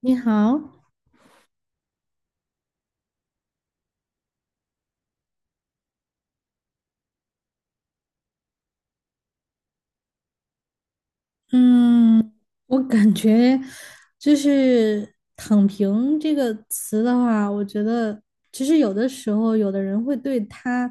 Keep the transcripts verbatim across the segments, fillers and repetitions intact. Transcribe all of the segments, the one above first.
你好，嗯，我感觉就是"躺平"这个词的话，我觉得其实有的时候，有的人会对它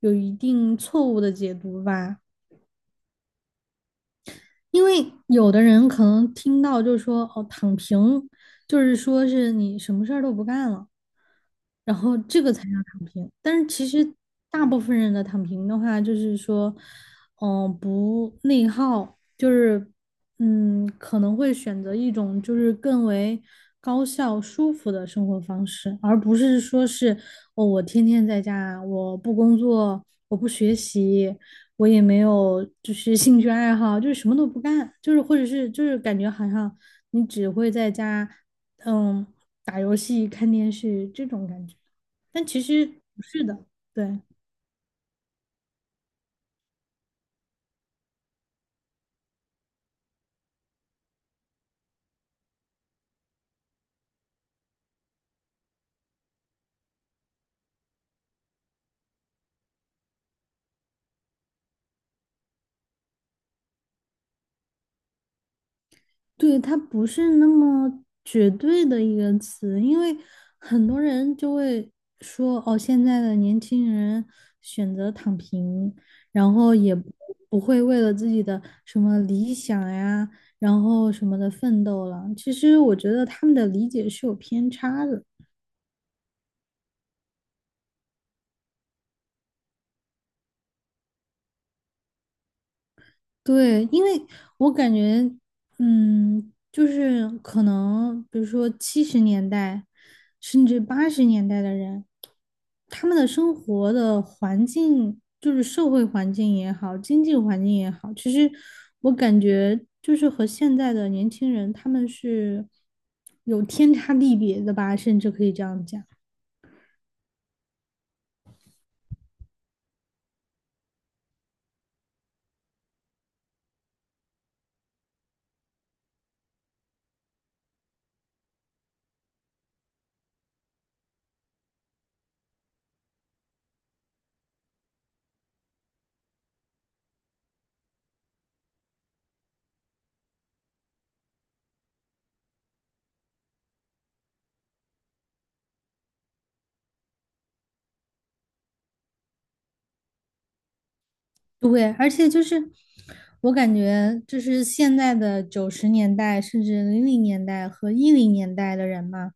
有一定错误的解读吧，因为有的人可能听到就说"哦，躺平"，就是说是你什么事儿都不干了。然后这个才叫躺平。但是其实大部分人的躺平的话，就是说，嗯、不内耗，就是嗯，可能会选择一种就是更为高效、舒服的生活方式，而不是说是哦，我天天在家，我不工作，我不学习。我也没有，就是兴趣爱好，就是什么都不干，就是或者是就是感觉好像你只会在家，嗯。打游戏、看电视这种感觉，但其实不是的，对对，它不是那么绝对的一个词，因为很多人就会说，哦，现在的年轻人选择躺平，然后也不不会为了自己的什么理想呀，然后什么的奋斗了。其实我觉得他们的理解是有偏差的。对，因为我感觉，嗯，就是可能，比如说七十年代，甚至八十年代的人，他们的生活的环境，就是社会环境也好，经济环境也好，其实我感觉就是和现在的年轻人，他们是有天差地别的吧，甚至可以这样讲。对，而且就是我感觉，就是现在的九十年代甚至零零年代和一零年代的人嘛，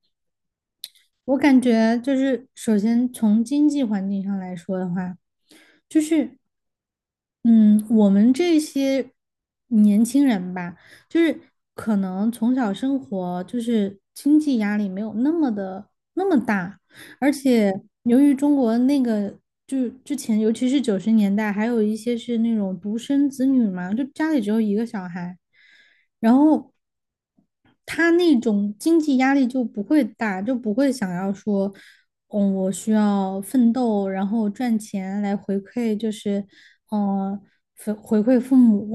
我感觉就是，首先从经济环境上来说的话，就是，嗯，我们这些年轻人吧，就是可能从小生活就是经济压力没有那么的那么大，而且由于中国那个就是之前，尤其是九十年代，还有一些是那种独生子女嘛，就家里只有一个小孩，然后他那种经济压力就不会大，就不会想要说，嗯，我需要奋斗，然后赚钱来回馈，就是，嗯、回回馈父母，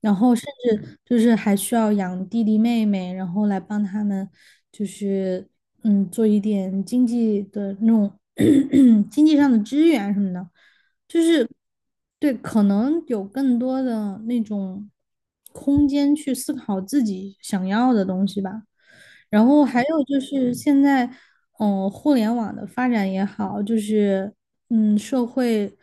然后甚至就是还需要养弟弟妹妹，然后来帮他们，就是嗯，做一点经济的那种 经济上的支援什么的。就是对，可能有更多的那种空间去思考自己想要的东西吧。然后还有就是现在，嗯、呃互联网的发展也好，就是嗯，社会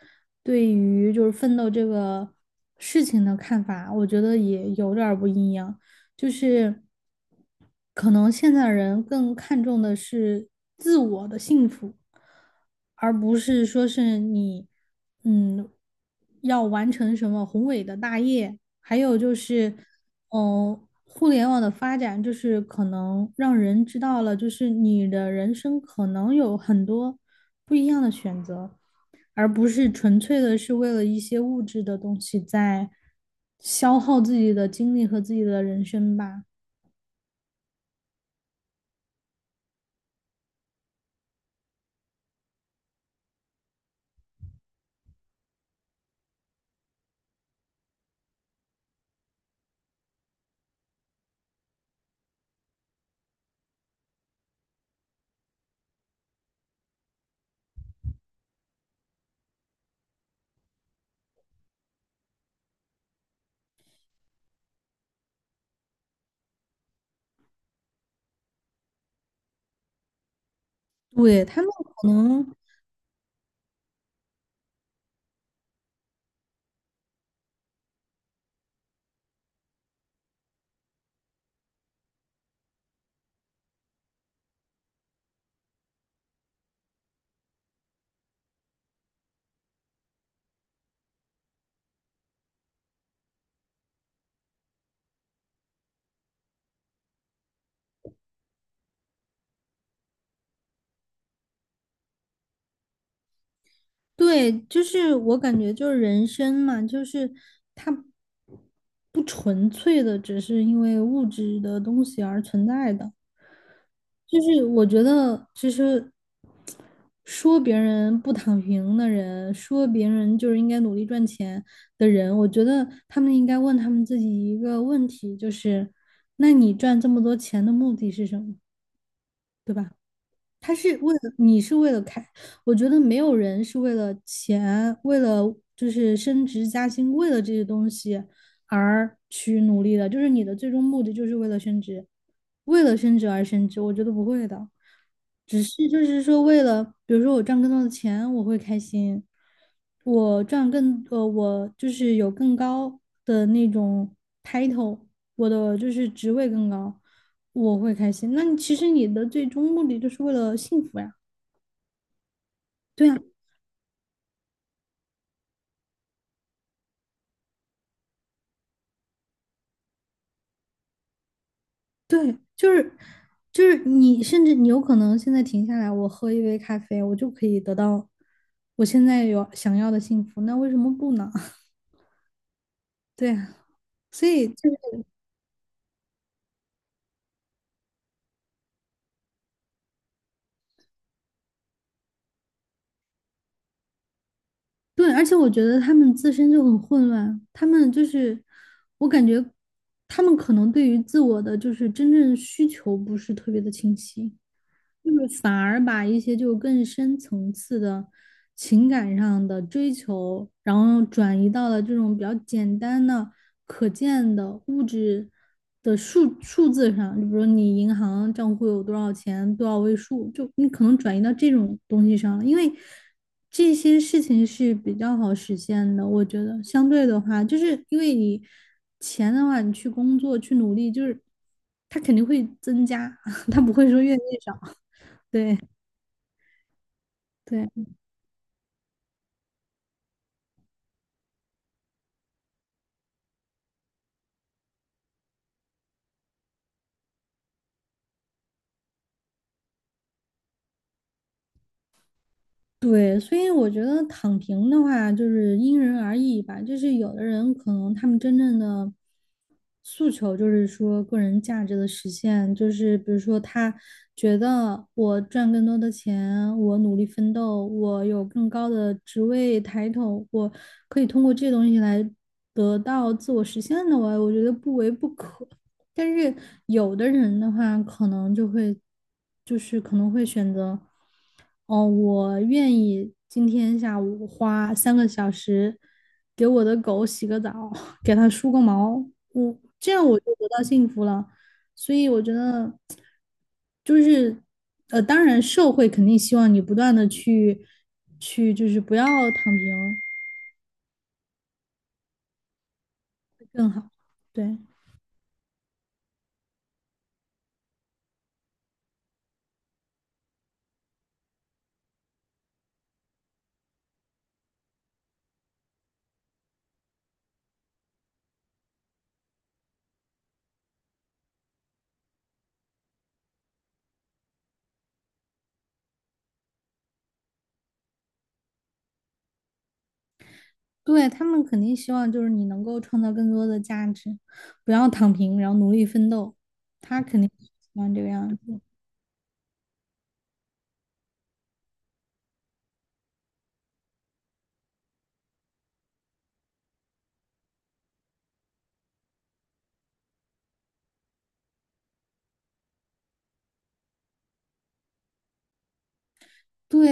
对于就是奋斗这个事情的看法，我觉得也有点儿不一样。就是可能现在人更看重的是自我的幸福，而不是说是你嗯要完成什么宏伟的大业，还有就是嗯。互联网的发展就是可能让人知道了，就是你的人生可能有很多不一样的选择，而不是纯粹的是为了一些物质的东西在消耗自己的精力和自己的人生吧。对，他们可能对，就是我感觉就是人生嘛，就是它不纯粹的只是因为物质的东西而存在的。就是我觉得，其实说别人不躺平的人，说别人就是应该努力赚钱的人，我觉得他们应该问他们自己一个问题，就是，那你赚这么多钱的目的是什么，对吧？他是为了你是为了开，我觉得没有人是为了钱，为了就是升职加薪，为了这些东西而去努力的，就是你的最终目的就是为了升职，为了升职而升职，我觉得不会的。只是就是说，为了比如说我赚更多的钱，我会开心，我赚更呃，我就是有更高的那种 title，我的就是职位更高，我会开心。那你其实你的最终目的就是为了幸福呀，对呀，对，就是就是你甚至你有可能现在停下来，我喝一杯咖啡，我就可以得到我现在有想要的幸福，那为什么不呢？对呀，所以就对，而且我觉得他们自身就很混乱，他们就是，我感觉他们可能对于自我的就是真正需求不是特别的清晰。就是反而把一些就更深层次的情感上的追求，然后转移到了这种比较简单的、可见的物质的数数字上，就比如你银行账户有多少钱，多少位数，就你可能转移到这种东西上了，因为这些事情是比较好实现的，我觉得相对的话，就是因为你钱的话，你去工作去努力，就是它肯定会增加，它不会说越来越少。对对，所以我觉得躺平的话，就是因人而异吧。就是有的人可能他们真正的诉求就是说个人价值的实现，就是比如说他觉得我赚更多的钱，我努力奋斗，我有更高的职位抬头，我可以通过这些东西来得到自我实现的我，我觉得不为不可。但是有的人的话，可能就会，就是可能会选择，哦，我愿意今天下午花三个小时给我的狗洗个澡，给它梳个毛，我这样我就得到幸福了。所以我觉得，就是呃，当然社会肯定希望你不断的去去，就是不要躺平更好，对。对，他们肯定希望就是你能够创造更多的价值，不要躺平，然后努力奋斗，他肯定是希望这个样子。对，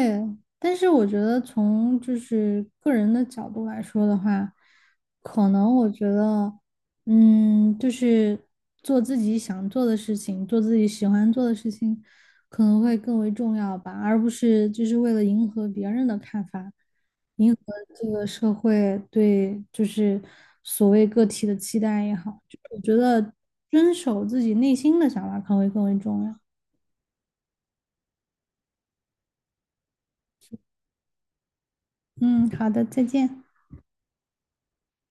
但是我觉得从就是个人的角度来说的话，可能我觉得，嗯，就是做自己想做的事情，做自己喜欢做的事情，可能会更为重要吧，而不是就是为了迎合别人的看法，迎合这个社会对就是所谓个体的期待也好，就我觉得遵守自己内心的想法可能会更为重要。嗯，好的，再见。